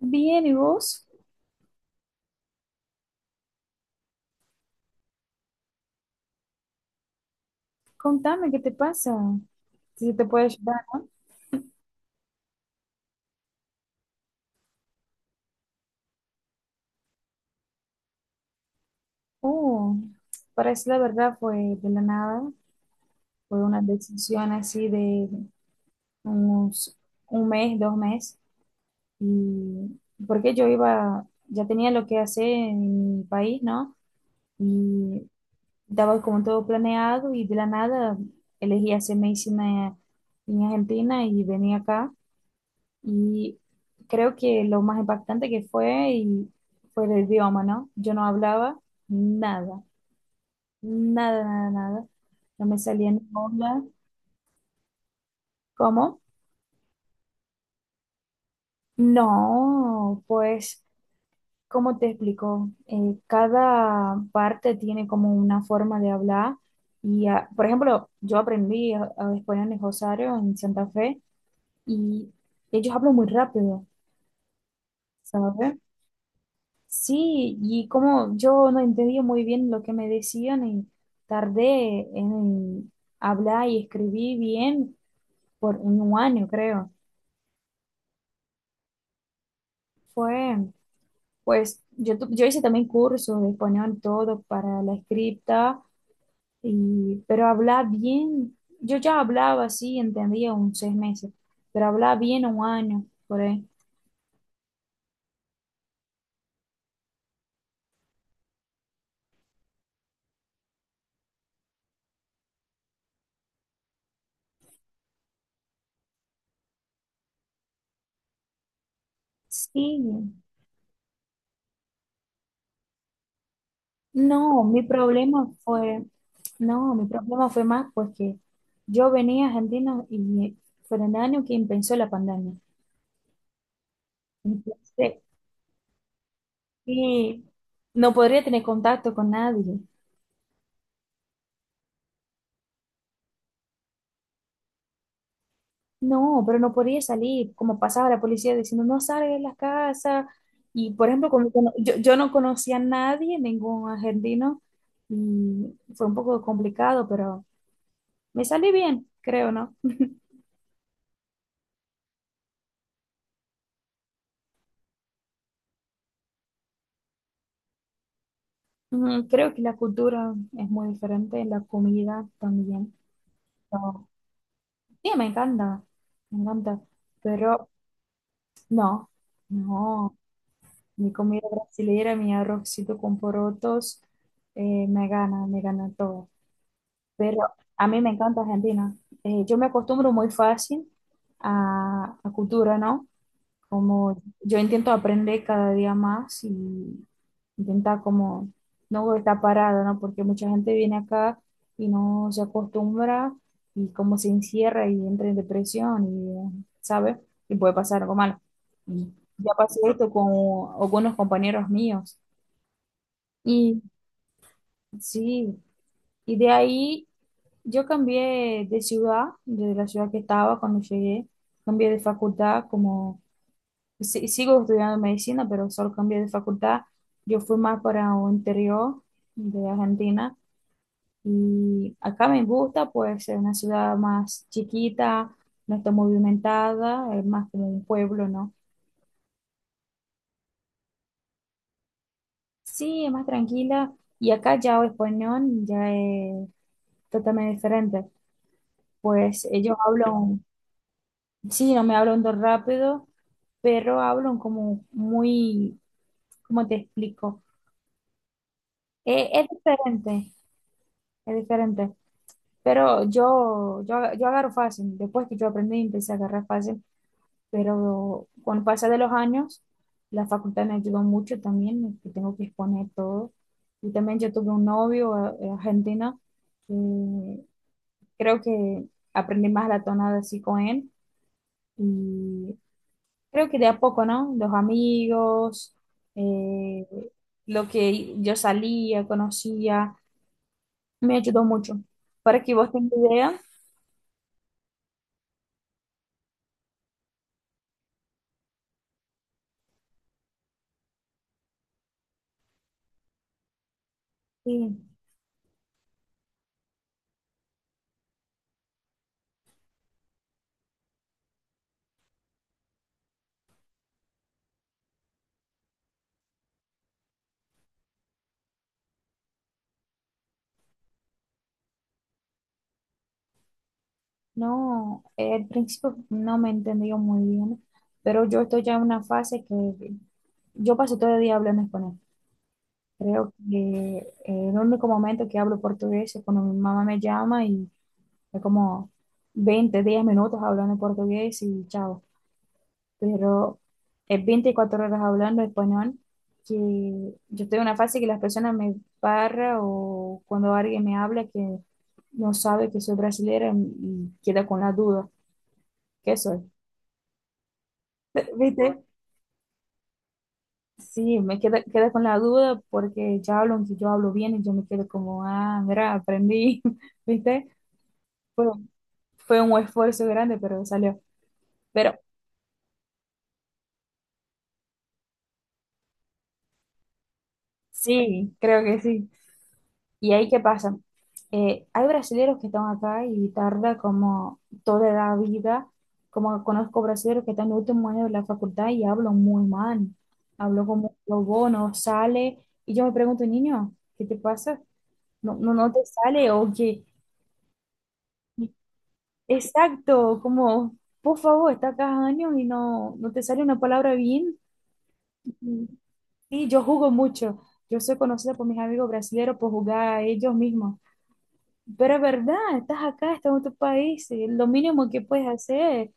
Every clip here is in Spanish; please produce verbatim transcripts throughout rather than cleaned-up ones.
Bien, ¿y vos? Contame, ¿qué te pasa? Si te puedo ayudar. Oh, para parece la verdad fue de la nada. Fue una decisión así de unos un mes, dos meses. Y porque yo iba, ya tenía lo que hacer en mi país, ¿no? Y estaba como todo planeado y de la nada elegí hacer medicina en Argentina y venía acá. Y creo que lo más impactante que fue y fue el idioma, ¿no? Yo no hablaba nada, nada, nada, nada. No me salía ni hola. ¿Cómo? No, pues, ¿cómo te explico? Eh, cada parte tiene como una forma de hablar. Y, ah, por ejemplo, yo aprendí a, a español en Rosario, en Santa Fe, y ellos hablan muy rápido, ¿sabes? Sí, y como yo no entendía muy bien lo que me decían y tardé en hablar y escribir bien por un año, creo. Fue, pues, yo, tu- yo hice también cursos de español, todo para la escrita, y, pero hablar bien, yo ya hablaba así, entendía un seis meses, pero hablar bien un año, por ahí. Sí. No, mi problema fue, no, mi problema fue más porque yo venía a Argentina y fue en el año que empezó la pandemia. Entonces, y no podría tener contacto con nadie. No, pero no podía salir, como pasaba la policía diciendo, no salgas de la casa. Y, por ejemplo, como que no- yo, yo no conocía a nadie, ningún argentino, y fue un poco complicado, pero me salí bien, creo, ¿no? Mm, Creo que la cultura es muy diferente, la comida también. No, sí, me encanta, me encanta, pero no, no, mi comida brasileña, mi arrocito con porotos, eh, me gana, me gana todo. Pero a mí me encanta Argentina. Eh, yo me acostumbro muy fácil a, a cultura, ¿no? Como yo intento aprender cada día más y intentar como no estar parada, ¿no? Porque mucha gente viene acá y no se acostumbra y como se encierra y entra en depresión y, ¿sabes? Y puede pasar algo malo. Y ya pasó esto con algunos compañeros míos. Y sí, y de ahí yo cambié de ciudad, de la ciudad que estaba cuando llegué, cambié de facultad como sí, sigo estudiando medicina, pero solo cambié de facultad. Yo fui más para un interior de Argentina y acá me gusta, pues es una ciudad más chiquita, no está movimentada, es más como un pueblo, ¿no? Sí, es más tranquila y acá ya el español ya es totalmente diferente, pues ellos hablan, sí, no me hablan tan rápido, pero hablan como muy, ¿cómo te explico? Eh, es diferente, es diferente. Pero yo, yo, yo agarro fácil. Después que yo aprendí, empecé a agarrar fácil. Pero con pasar de los años, la facultad me ayudó mucho también, que tengo que exponer todo. Y también yo tuve un novio eh, eh, argentino, que creo que aprendí más la tonada así con él. Y creo que de a poco, ¿no? Los amigos, eh, lo que yo salía, conocía, me ayudó mucho. Para que vos tengas idea. Sí. No, eh, al principio no me entendió muy bien, pero yo estoy ya en una fase que yo paso todo el día hablando español. Creo que eh, el único momento que hablo portugués es cuando mi mamá me llama y es como veinte diez minutos hablando portugués y chao. Pero es veinticuatro horas hablando español que yo estoy en una fase que las personas me paran o cuando alguien me habla que no sabe que soy brasileña y queda con la duda. ¿Qué soy? ¿Viste? Sí, me quedé, quedé con la duda porque ya hablan que yo hablo bien y yo me quedo como, ah, mira, aprendí, ¿viste? Fue, fue un esfuerzo grande, pero salió. Pero sí, creo que sí. ¿Y ahí qué pasa? Eh, hay brasileños que están acá y tarda como toda la vida, como conozco brasileños que están en el último año de la facultad y hablan muy mal, hablo como lobo, no sale, y yo me pregunto, niño, ¿qué te pasa? No, no, no te sale o qué. Exacto, como, por favor, estás acá años y no, no te sale una palabra bien. Mm. Sí, yo jugo mucho. Yo soy conocida por mis amigos brasileños por jugar a ellos mismos. Pero es verdad, estás acá, estás en otro país. Y lo mínimo que puedes hacer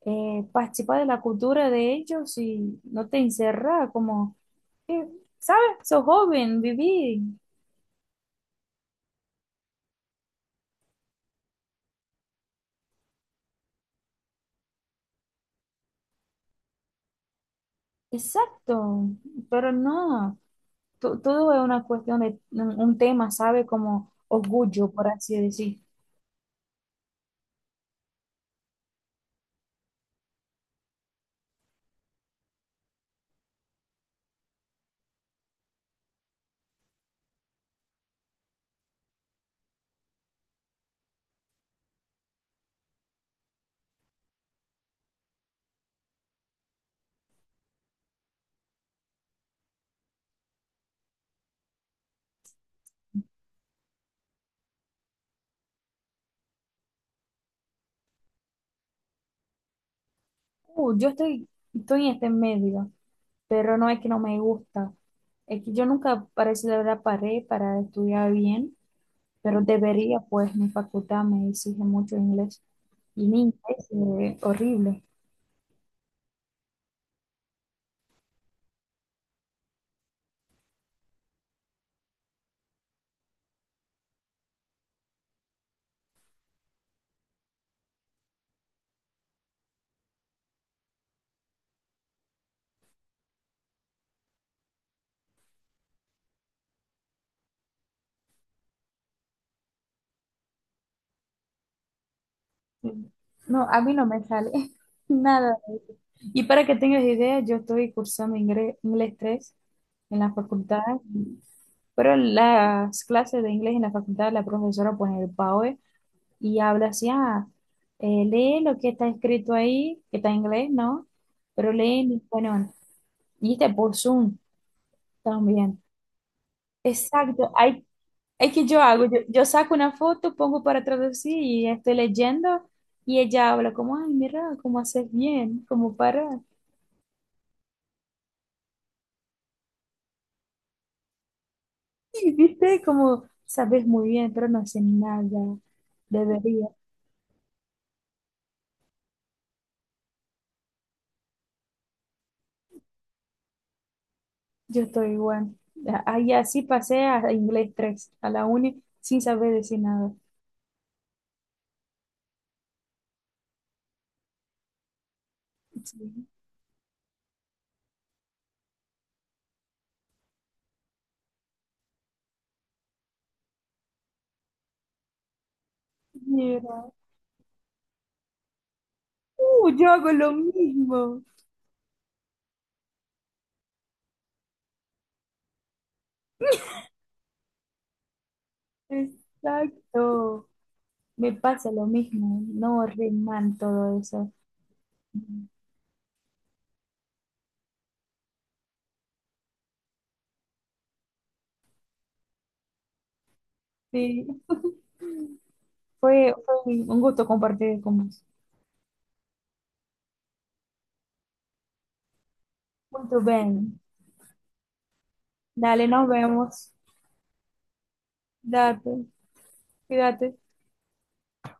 es participar de la cultura de ellos y no te encerrar, como, eh, ¿sabes? Sos joven, viví. Exacto, pero no, to- todo es una cuestión de un un tema, ¿sabe? Como orgullo, por así decir. Uh, yo estoy, estoy en este medio, pero no es que no me gusta. Es que yo nunca parece de verdad paré para estudiar bien, pero debería, pues mi facultad me exige mucho inglés y mi inglés es horrible. No, a mí no me sale nada. Y para que tengas idea, yo estoy cursando ingre- inglés tres en la facultad, pero las clases de inglés en la facultad, la profesora pone el P A O E y habla así, ah, eh, lee lo que está escrito ahí, que está en inglés, ¿no? Pero lee en español. Y está por Zoom también. Exacto, hay, es que yo hago, yo, yo saco una foto, pongo para traducir y estoy leyendo y ella habla como, ay, mira, cómo haces bien, cómo para. Y viste, como sabes muy bien, pero no sé nada, debería. Yo estoy igual. Ahí así pasé a inglés tres a la uni, sin saber decir nada. Sí. Mira. Uh, yo hago lo mismo. Exacto. Me pasa lo mismo. No, re mal todo eso. Sí, fue, fue un un gusto compartir con vos. Muy bien. Dale, nos vemos. Date, cuídate.